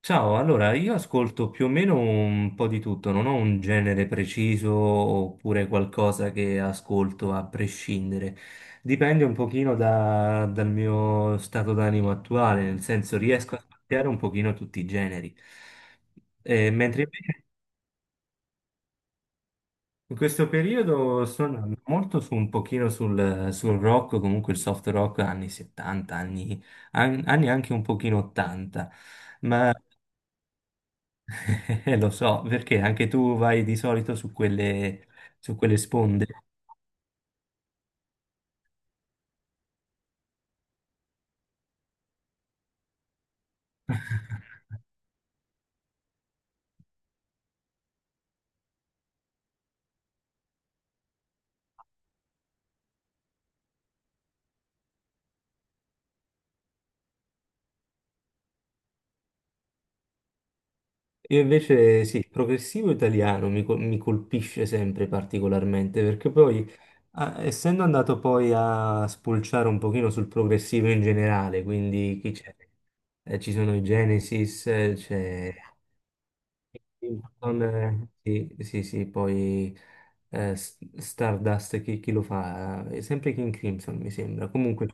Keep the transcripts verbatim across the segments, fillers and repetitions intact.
Ciao, allora io ascolto più o meno un po' di tutto, non ho un genere preciso oppure qualcosa che ascolto a prescindere. Dipende un pochino da- dal mio stato d'animo attuale, nel senso riesco a ascoltare un pochino tutti i generi. Eh, mentre invece in questo periodo sto andando molto su un pochino sul, sul rock, comunque il soft rock anni settanta, anni, an- anni anche un pochino ottanta. Ma Eh, lo so, perché anche tu vai di solito su quelle, su quelle sponde. Io invece sì, il progressivo italiano mi, col- mi colpisce sempre particolarmente, perché poi, ah, essendo andato poi a spulciare un pochino sul progressivo in generale, quindi chi c'è? Eh, ci sono i Genesis, eh, c'è Hilton, eh, sì, sì, sì, poi eh, S- Stardust, chi, chi lo fa? Eh, sempre King Crimson, mi sembra. Comunque,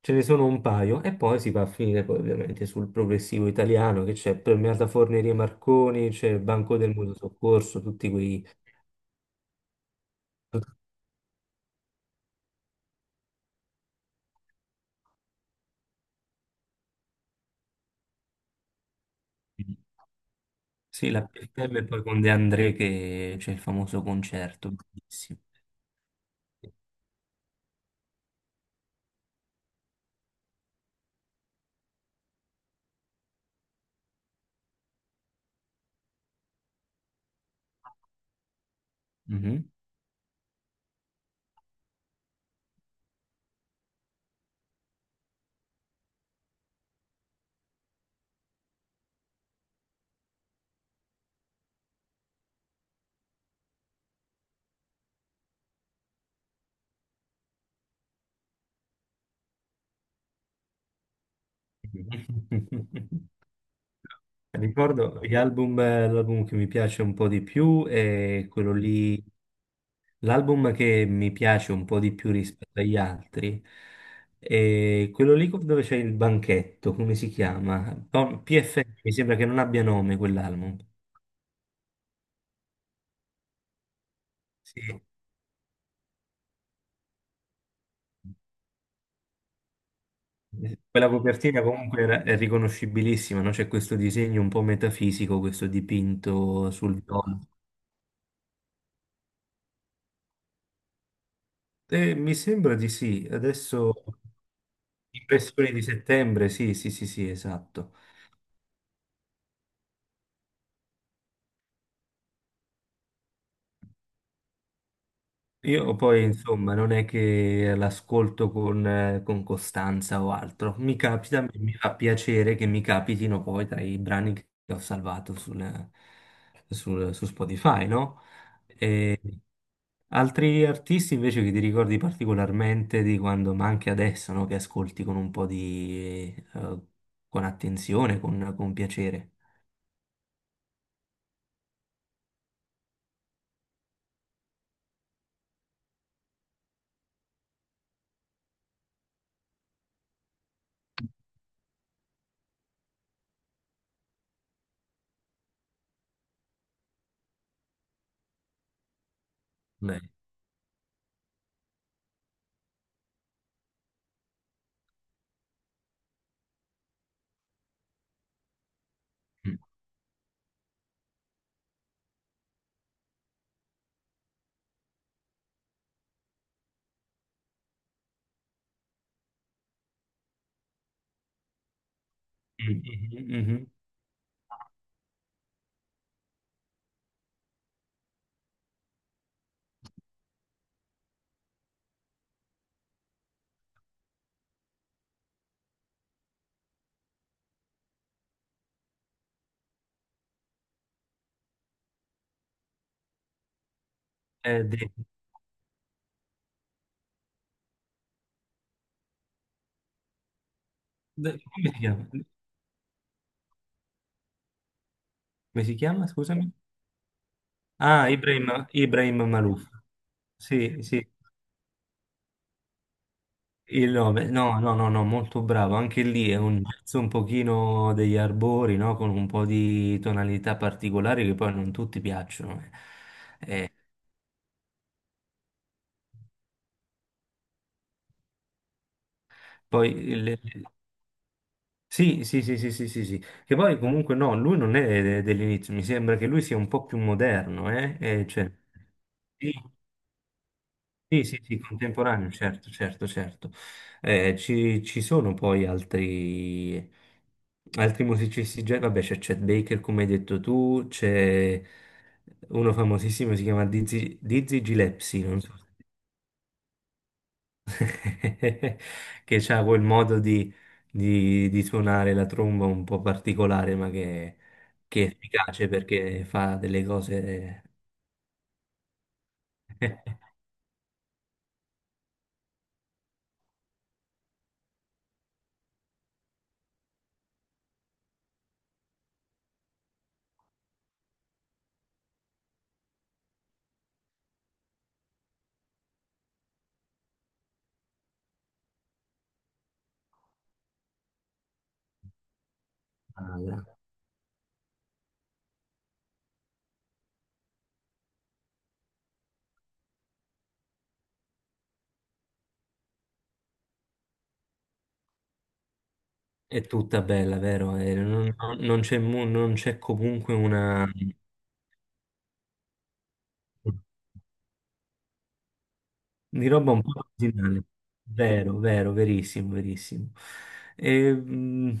ce ne sono un paio e poi si va a finire poi ovviamente sul progressivo italiano che c'è Premiata Fornerie Marconi, c'è il Banco del Mutuo Soccorso, tutti quei... tutti- Sì, la P F M e poi con De André che c'è il famoso concerto. Bellissimo. Mhm. Ricordo gli album, eh, l'album che mi piace un po' di più è quello lì L'album che mi piace un po' di più rispetto agli altri è quello lì dove c'è il banchetto, come si chiama? Po- P F M, mi sembra che non abbia nome quell'album. Sì. Quella copertina comunque era- è riconoscibilissima, no? C'è questo disegno un po' metafisico, questo dipinto sul viola. Eh, mi sembra di sì, adesso impressioni di settembre, sì, sì, sì, sì, esatto. Io poi, insomma, non è che l'ascolto con, eh, con costanza o altro. Mi capita, mi fa piacere che mi capitino poi tra i brani che ho salvato sul- sul- su Spotify, no? E altri artisti invece che ti ricordi particolarmente di quando, ma anche adesso, no? Che ascolti con un po' di, eh, con attenzione, con, con piacere. Beh, mm, mm, mm, mm, mm. Eh, de- de- Come si chiama? Come si chiama? Scusami. Ah, Ibrahim, Ibrahim Malouf. Sì, sì, il nome. No, no, no, no, molto bravo. Anche lì è un jazz un pochino degli arbori, no? Con un po' di tonalità particolari che poi non tutti piacciono. Eh. Poi il- Sì, sì, sì, sì, sì, sì, sì. Che poi comunque no, lui non è de- dell'inizio, mi sembra che lui sia un po' più moderno, eh? Eh, cioè... sì, sì, sì, sì, contemporaneo, certo, certo, certo. Eh, ci, ci sono poi altri, altri musicisti, gen- vabbè, c'è Chet Baker, come hai detto tu, c'è uno famosissimo, si chiama Dizzy, Dizzy Gillespie, non so, se- che ha quel modo di, di- di suonare la tromba un po' particolare, ma che, che è efficace perché fa delle cose... È tutta bella, vero? E non non- non c'è mu- non c'è comunque una... Di roba un po' originale. Vero, vero, verissimo, verissimo. E, mh,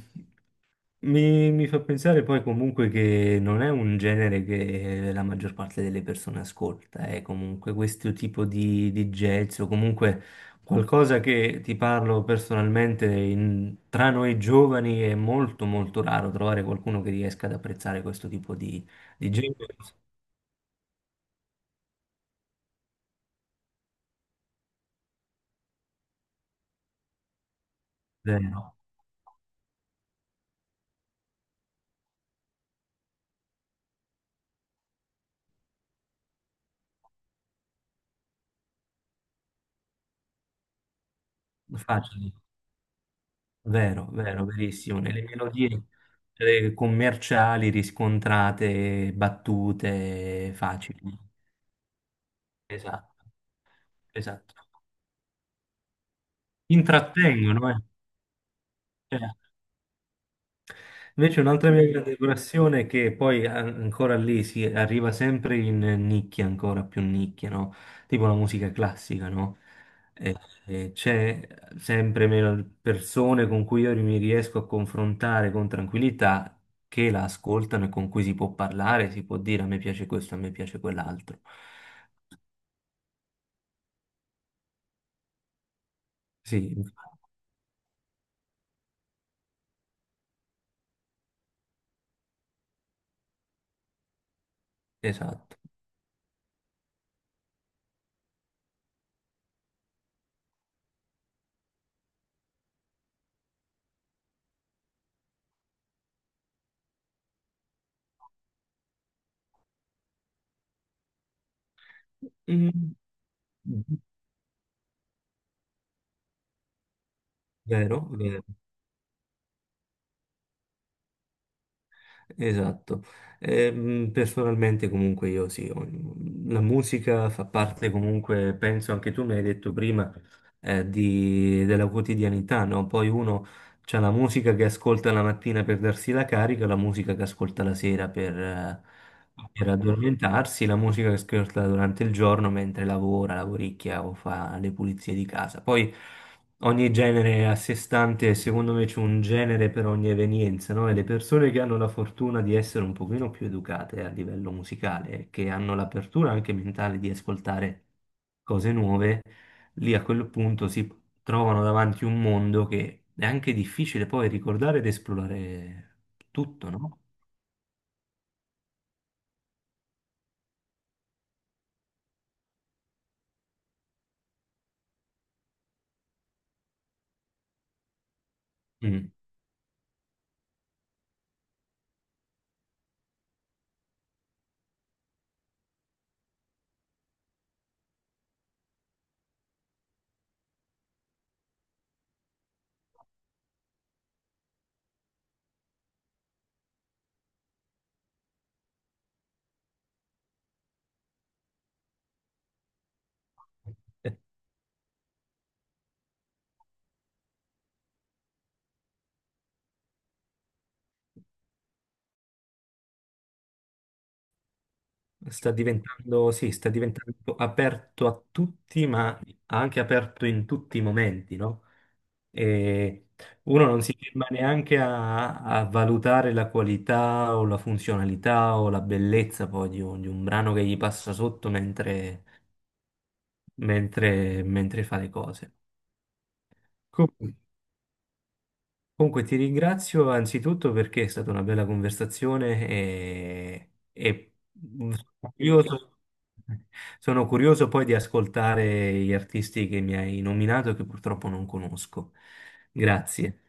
mi, mi fa pensare poi comunque che non è un genere che la maggior parte delle persone ascolta, è comunque questo tipo di, di jazz o comunque qualcosa che ti parlo personalmente, in- tra noi giovani è molto molto raro trovare qualcuno che riesca ad apprezzare questo tipo di, di genere. Vero, facile. Vero, vero, verissimo. Nelle melodie eh, commerciali riscontrate battute facili. Esatto, esatto. Intrattengono, eh. Cioè, invece un'altra mia grande passione è che poi an- ancora lì si arriva sempre in nicchia, ancora più nicchia, no? Tipo la musica classica, no? Eh, c'è sempre meno persone con cui io mi riesco a confrontare con tranquillità che la ascoltano e con cui si può parlare, si può dire a me piace questo, a me piace quell'altro. Sì, esatto. Mm, vero, vero. Esatto, Ehm, personalmente comunque io sì, ho- mhmm, la musica fa parte comunque, penso anche tu mi hai detto prima, eh, di- della quotidianità, no? Poi uno c'ha la musica che ascolta la mattina per darsi la carica, la musica che ascolta la sera per, eh, per addormentarsi, la musica che ascolta durante il giorno mentre lavora, lavoricchia o fa le pulizie di casa. Poi ogni genere è a sé stante, e secondo me c'è un genere per ogni evenienza, no? E le persone che hanno la fortuna di essere un pochino più educate a livello musicale, che hanno l'apertura anche mentale di ascoltare cose nuove, lì a quel punto si trovano davanti un mondo che è anche difficile poi ricordare ed esplorare tutto, no? Mm. Eh, sta diventando, sì, sta diventando aperto a tutti, ma anche aperto in tutti i momenti, no? E uno non si ferma neanche a, a valutare la qualità o la funzionalità o la bellezza poi di un, di un brano che gli passa sotto mentre, mentre- mentre fa le cose. Co- Comunque ti ringrazio anzitutto perché è stata una bella conversazione e, e sono curioso, sono curioso poi di ascoltare gli artisti che mi hai nominato e che purtroppo non conosco. Grazie.